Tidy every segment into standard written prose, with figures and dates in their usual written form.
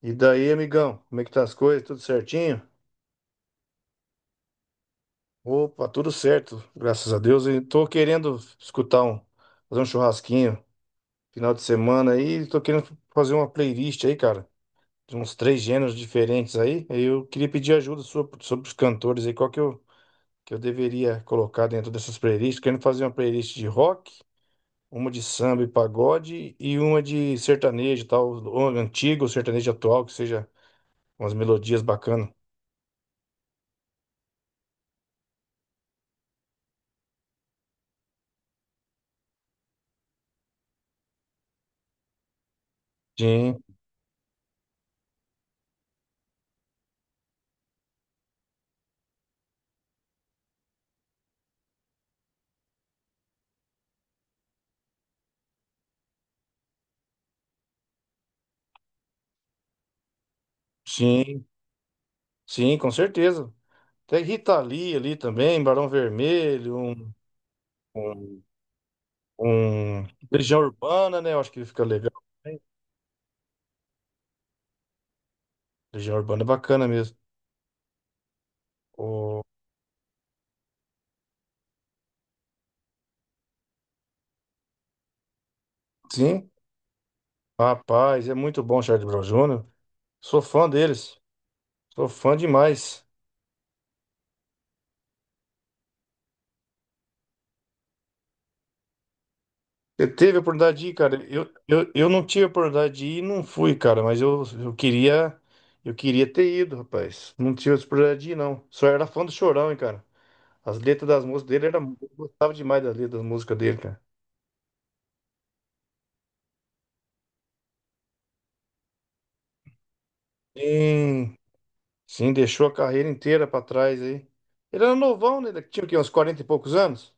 E daí, amigão, como é que tá as coisas? Tudo certinho? Opa, tudo certo, graças a Deus. E tô querendo fazer um churrasquinho final de semana aí. Tô querendo fazer uma playlist aí, cara, de uns três gêneros diferentes aí. Aí eu queria pedir ajuda sua sobre os cantores aí, que eu deveria colocar dentro dessas playlists. Querendo fazer uma playlist de rock, uma de samba e pagode e uma de sertanejo e tal, ou antigo, ou sertanejo atual, que seja umas melodias bacanas. Sim, sim. Sim, com certeza. Tem Rita Lee ali também, Barão Vermelho, um, um- Legião Urbana, né? Eu acho que fica legal. Também. Legião Urbana é bacana mesmo. O... Sim, rapaz, é muito bom o Charlie Brown Jr. Sou fã deles, sou fã demais. Você teve a oportunidade de ir, cara? Eu não tive a oportunidade de ir e não fui, cara, mas eu queria ter ido, rapaz. Não tive a oportunidade de ir, não. Só era fã do Chorão, hein, cara? As letras das músicas dele eu gostava demais das letras das músicas dele, cara. Sim, sim, deixou a carreira inteira pra trás aí. Ele era novão, né? Ele tinha o quê? Uns quarenta e poucos anos?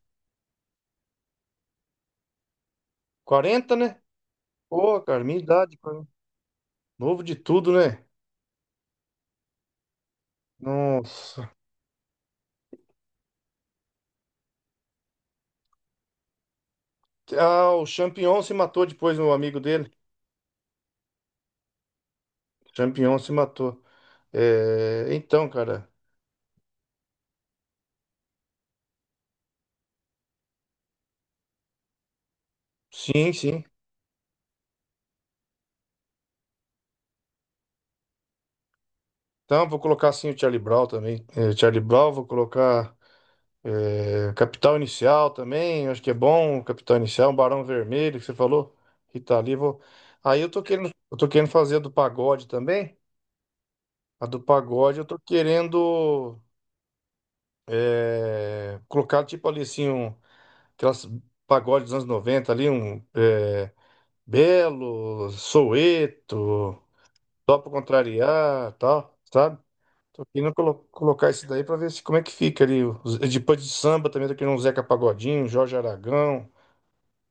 Quarenta, né? Pô, cara, minha idade, cara. Novo de tudo, né? Nossa. Ah, o Champion se matou depois, o amigo dele. Champion se matou. É, então, cara. Sim, sim. Então, vou colocar sim o Charlie Brown também. É, Charlie Brown, vou colocar. É, Capital Inicial também, acho que é bom. Capital Inicial, um Barão Vermelho, que você falou. Rita Lee, vou... Aí eu tô querendo fazer a do pagode também. A do pagode eu tô querendo colocar tipo ali assim, aquelas pagodes dos anos 90 ali, Belo, Soweto, Só pra Contrariar, tal, sabe? Tô querendo colocar isso daí pra ver se, como é que fica ali. Depois de samba também, tô querendo um Zeca Pagodinho, um Jorge Aragão.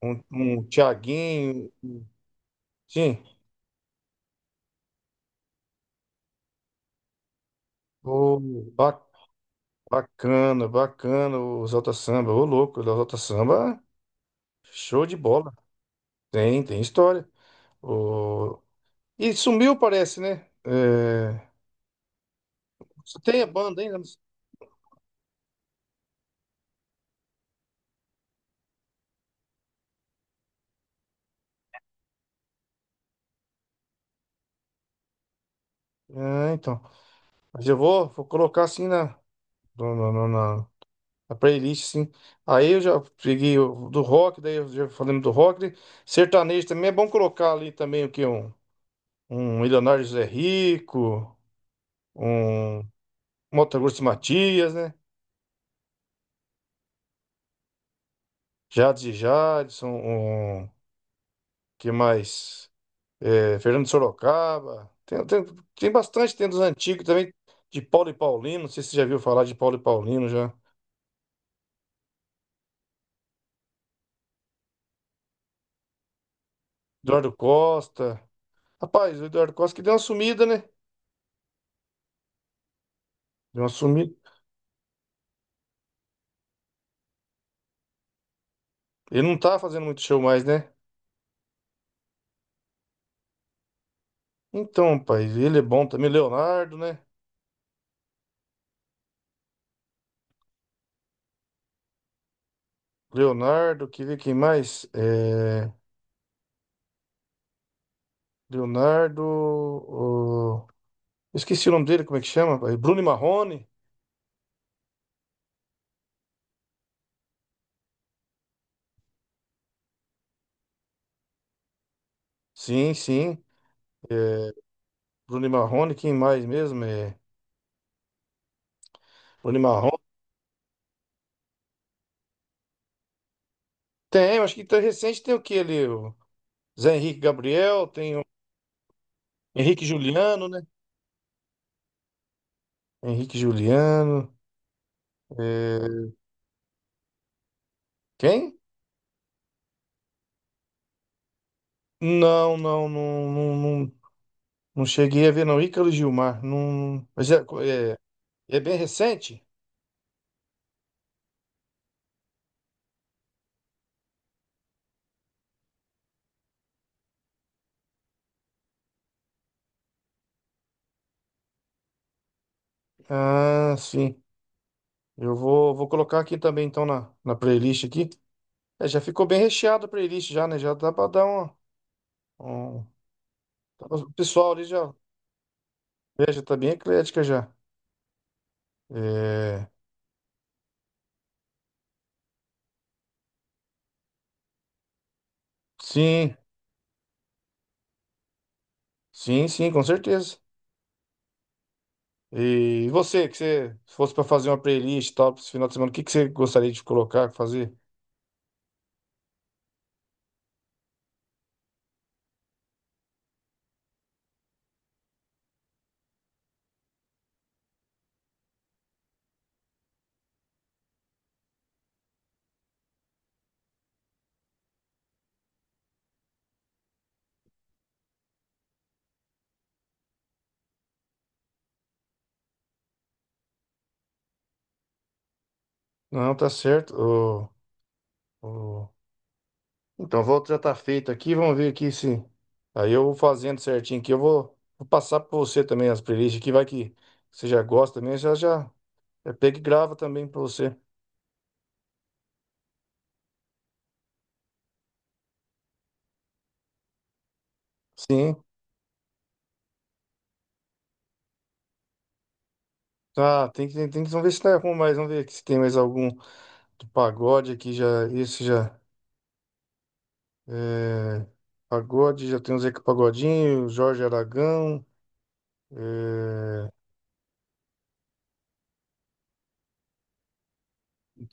Um Thiaguinho. Sim. Ô, ba- bacana, bacana o Exalta Samba. Ô, louco, o Exalta Samba, show de bola. Tem história. Ô, e sumiu, parece, né? É... Você tem a banda ainda? Ah, então. Mas eu vou colocar assim na, no- no- no- na, na playlist, sim. Aí eu já peguei o do rock, daí eu já falando do rock, né? Sertanejo também é bom colocar ali também o que? Um Milionário José Rico, um. Motagurso Matias, né? Jades e Jadson, que mais? É, Fernando de Sorocaba. Tem bastante, tem dos antigos também, de Paulo e Paulino. Não sei se você já viu falar de Paulo e Paulino já. Eduardo Costa. Rapaz, o Eduardo Costa que deu uma sumida, né? Deu uma sumida. Ele não tá fazendo muito show mais, né? Então, rapaz, ele é bom também. Leonardo, né? Leonardo, que vê quem mais? É, Leonardo. Esqueci o nome dele, como é que chama, rapaz? Bruno e Marrone. Sim, sim. É, Bruno e Marrone, quem mais mesmo? É... Bruno e Marrone. Tem, acho que tá recente tem o que ali? O Zé Henrique Gabriel, tem o Henrique Juliano, né? Henrique Juliano. é, Quem? Não, não, não, não, não, não cheguei a ver, não. Ícaro Gilmar. Não... Mas é, é bem recente? Ah, sim. Eu vou colocar aqui também, então, na playlist aqui. É, já ficou bem recheado a playlist já, né? Já dá pra dar uma... um... O pessoal ali já. É, já tá bem eclética já. É, sim, sim, sim, com certeza. E você, que você se fosse para fazer uma playlist e tal, para esse final de semana, o que que você gostaria de colocar, fazer? Não, tá certo. O- Então, a volta já tá feita aqui, vamos ver aqui se. Aí eu vou fazendo certinho aqui, eu vou passar para você também as playlists aqui, vai que você já gosta também, já pega e grava também para você. Sim. Ah, vamos ver se tá com mais, vamos ver aqui se tem mais algum do pagode aqui já, esse já. É, pagode, já tem o Zeca Pagodinho, Jorge Aragão. É,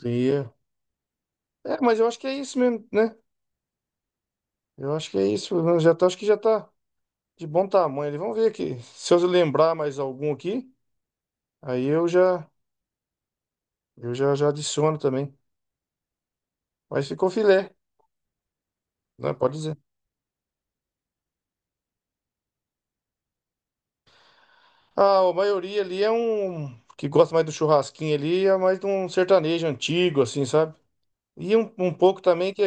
tem- é, mas eu acho que é isso mesmo, né? Eu acho que é isso, né? Já tá, acho que já tá de bom tamanho ali. Vamos ver aqui. Se eu lembrar mais algum aqui, aí eu já adiciono também. Mas ficou filé, né? Pode dizer. Ah, a maioria ali é um que gosta mais do churrasquinho ali, é mais de um sertanejo antigo, assim, sabe? E um pouco também que,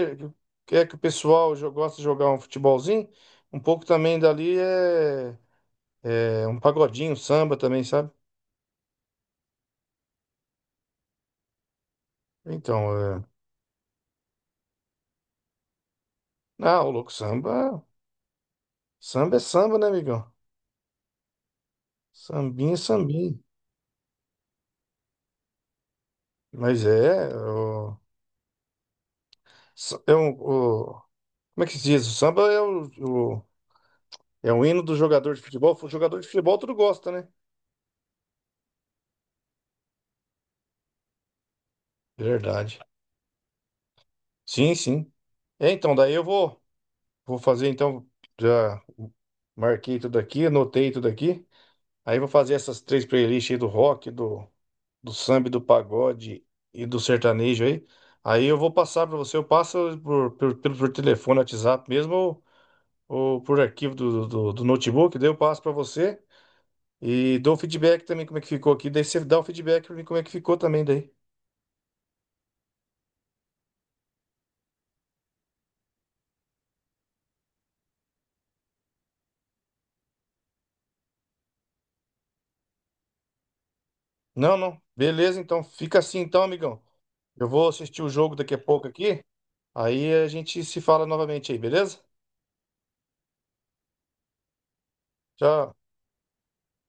que é que o pessoal gosta de jogar um futebolzinho, um pouco também dali é um pagodinho, um samba também, sabe? Então, é... Ah, o louco, samba... Samba é samba, né, amigão? Sambinha é sambinha. Mas é... O, sa- é um, o- Como é que se diz? O samba é o- é o hino do jogador de futebol. O jogador de futebol tudo gosta, né? Verdade. Sim, sim. É, então, daí eu vou... Vou fazer então, já marquei tudo aqui, anotei tudo aqui. Aí vou fazer essas três playlists aí do rock, do samba, e do pagode e do sertanejo aí. Aí eu vou passar para você, eu passo por telefone, WhatsApp mesmo, ou por arquivo do notebook, daí eu passo para você e dou feedback também como é que ficou aqui, daí você dá o feedback para mim como é que ficou também daí. Não, não. Beleza, então fica assim então, amigão. Eu vou assistir o jogo daqui a pouco aqui. Aí a gente se fala novamente aí, beleza? Tchau.